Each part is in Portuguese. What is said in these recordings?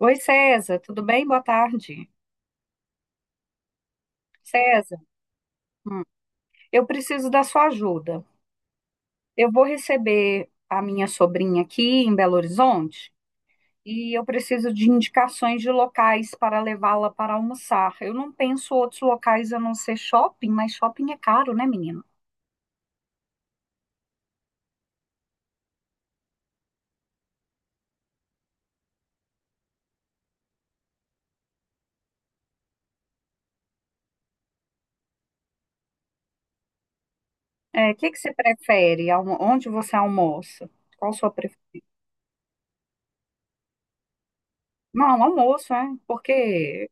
Oi, César, tudo bem? Boa tarde. César, hum, eu preciso da sua ajuda. Eu vou receber a minha sobrinha aqui em Belo Horizonte e eu preciso de indicações de locais para levá-la para almoçar. Eu não penso outros locais a não ser shopping, mas shopping é caro, né, menino? É, o que que você prefere? Onde você almoça? Qual a sua preferência? Não, almoço, é, porque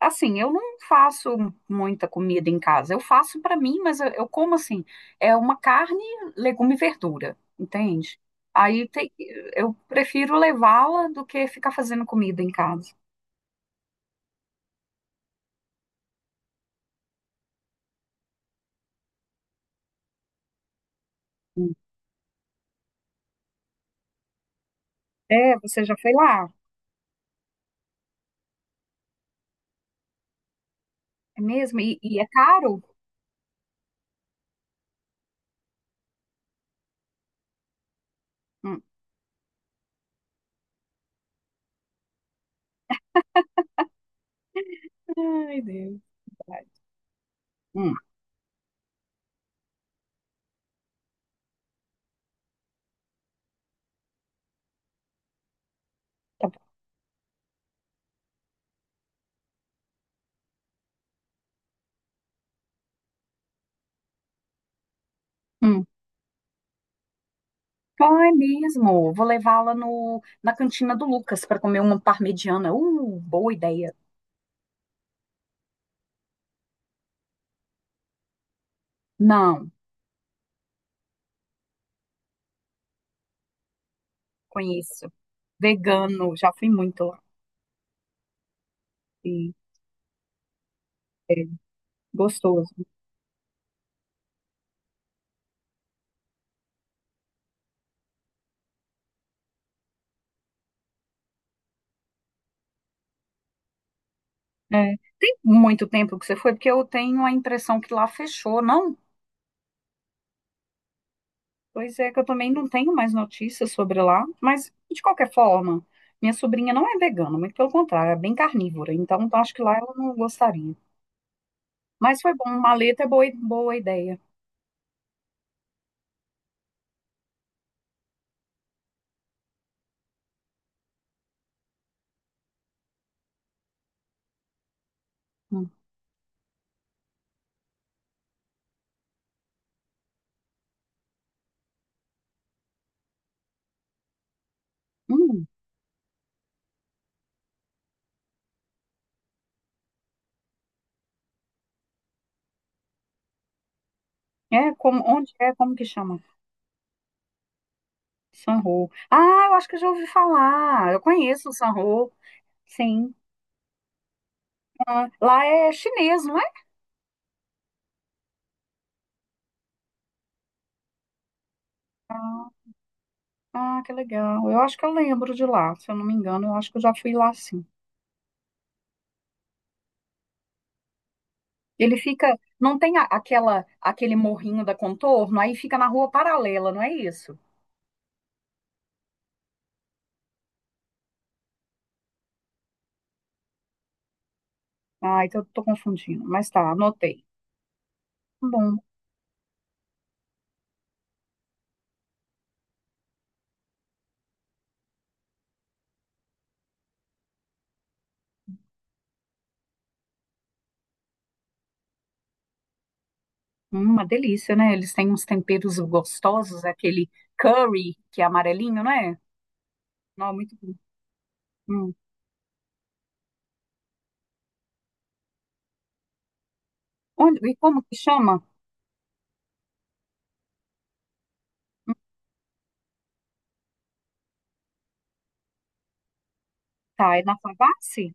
assim, eu não faço muita comida em casa. Eu faço para mim, mas eu como assim, é uma carne, legume e verdura, entende? Aí tem- eu prefiro levá-la do que ficar fazendo comida em casa. Hum. É, você já foi lá? É mesmo? E é caro? Hum. Ai, Deus. Vai. Hum, tá bom. Hum. Ah, é mesmo. Vou levá-la no, na cantina do Lucas para comer uma parmegiana. Boa ideia. Não, conheço. Vegano, já fui muito lá. Gostoso. É. Tem muito tempo que você foi, porque eu tenho a impressão que lá fechou, não? Pois é, que eu também não tenho mais notícias sobre lá, mas de qualquer forma, minha sobrinha não é vegana, muito pelo contrário, é bem carnívora, então, acho que lá ela não gostaria. Mas foi bom, maleta é boa, boa ideia. Hum. Hum. É, como, onde é, como que chama? Sanho. Ah, eu acho que eu já ouvi falar, eu conheço o Sanho, sim. Ah, lá é chinês, não é? Ah. Ah, que legal. Eu acho que eu lembro de lá, se eu não me engano, eu acho que eu já fui lá sim. Ele fica, não tem a- aquela aquele morrinho da Contorno, aí fica na rua paralela, não é isso? Ah, então eu tô confundindo, mas tá, anotei. Bom, uma delícia, né? Eles têm uns temperos gostosos, aquele curry que é amarelinho, não é? Não, muito bom. Hum. Onde, e como que chama? Tá, é na Favassi?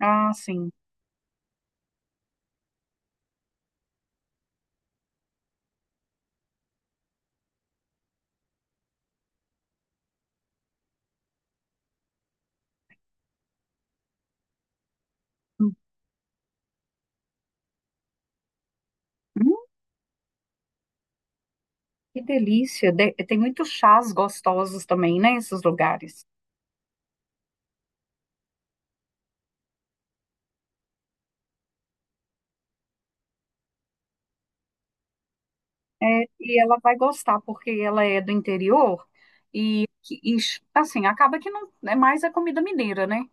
Ah, sim. Hum, hum, que delícia. Tem muitos chás gostosos também, né, esses lugares. É, e ela vai gostar, porque ela é do interior e, e, assim, acaba que não é mais a comida mineira, né?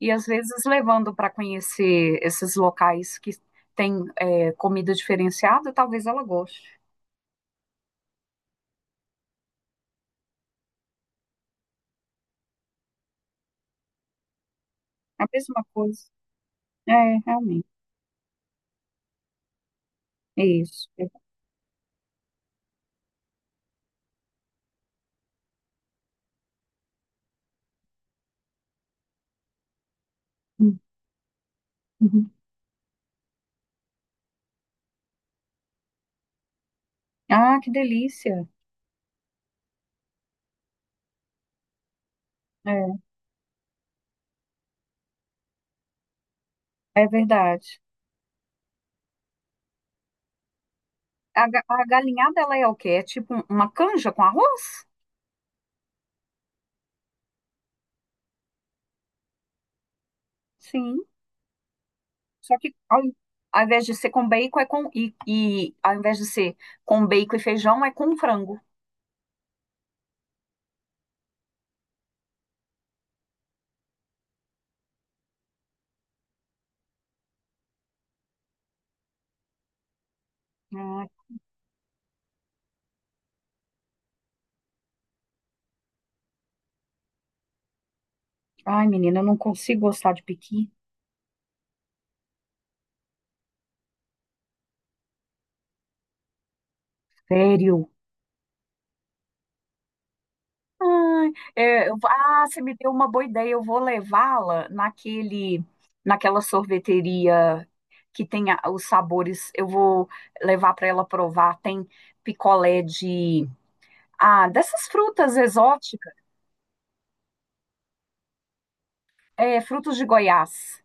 E às vezes levando para conhecer esses locais que tem é, comida diferenciada, talvez ela goste. A mesma coisa. É, realmente. É isso. É. Hum. Uhum. Ah, que delícia. É, é verdade. A galinhada, ela é o quê? É tipo uma canja com arroz? Sim. Só que ao, ao invés de ser com bacon, é com. E ao invés de ser com bacon e feijão, é com frango. Ai, ai, menina, eu não consigo gostar de pequi. Sério. Ai, é, eu ah, você me deu uma boa ideia. Eu vou levá-la naquele, naquela sorveteria que os sabores. Eu vou levar para ela provar. Tem picolé de. Ah, dessas frutas exóticas. É, frutos de Goiás.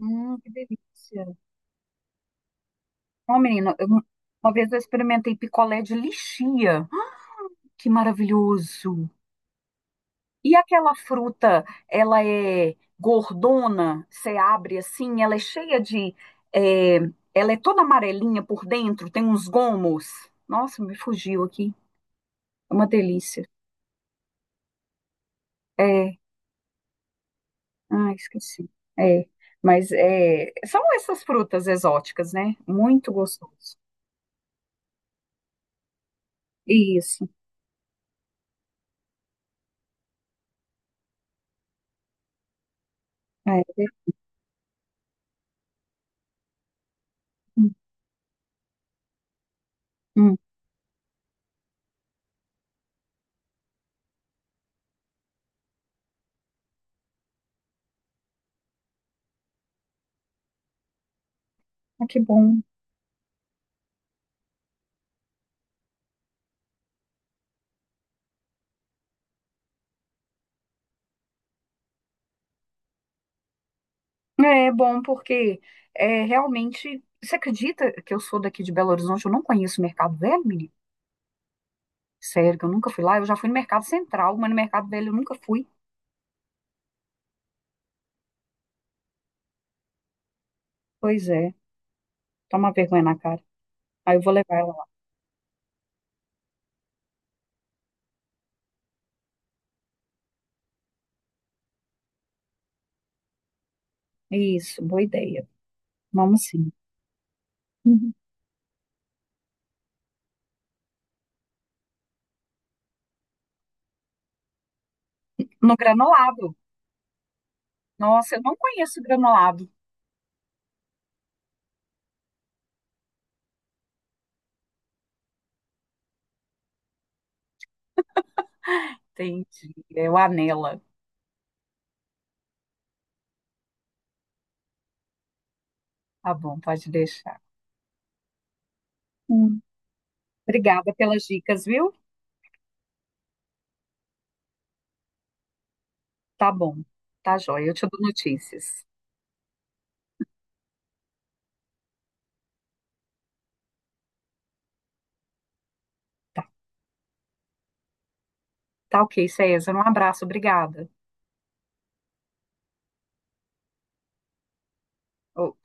Que delícia. Ó, menina, uma vez eu experimentei picolé de lichia. Que maravilhoso! E aquela fruta, ela é gordona, você abre assim, ela é cheia de. É, ela é toda amarelinha por dentro, tem uns gomos. Nossa, me fugiu aqui. É uma delícia. É. Ah, esqueci. É. Mas é, são essas frutas exóticas, né? Muito gostoso. Isso. É. É. Hum, hum. Ah, que bom. É bom porque é, realmente. Você acredita que eu sou daqui de Belo Horizonte? Eu não conheço o Mercado Velho, menino? Sério, que eu nunca fui lá. Eu já fui no Mercado Central, mas no Mercado Velho eu nunca fui. Pois é, toma vergonha na cara. Aí eu vou levar ela lá. Isso, boa ideia. Vamos sim. Uhum. No Granolado. Nossa, eu não conheço o Granolado. Entendi. É o Anela. Tá bom, pode deixar. Hum. Obrigada pelas dicas, viu? Tá bom. Tá joia. Eu te dou notícias. Tá, tá ok, César. Um abraço. Obrigada. Oh.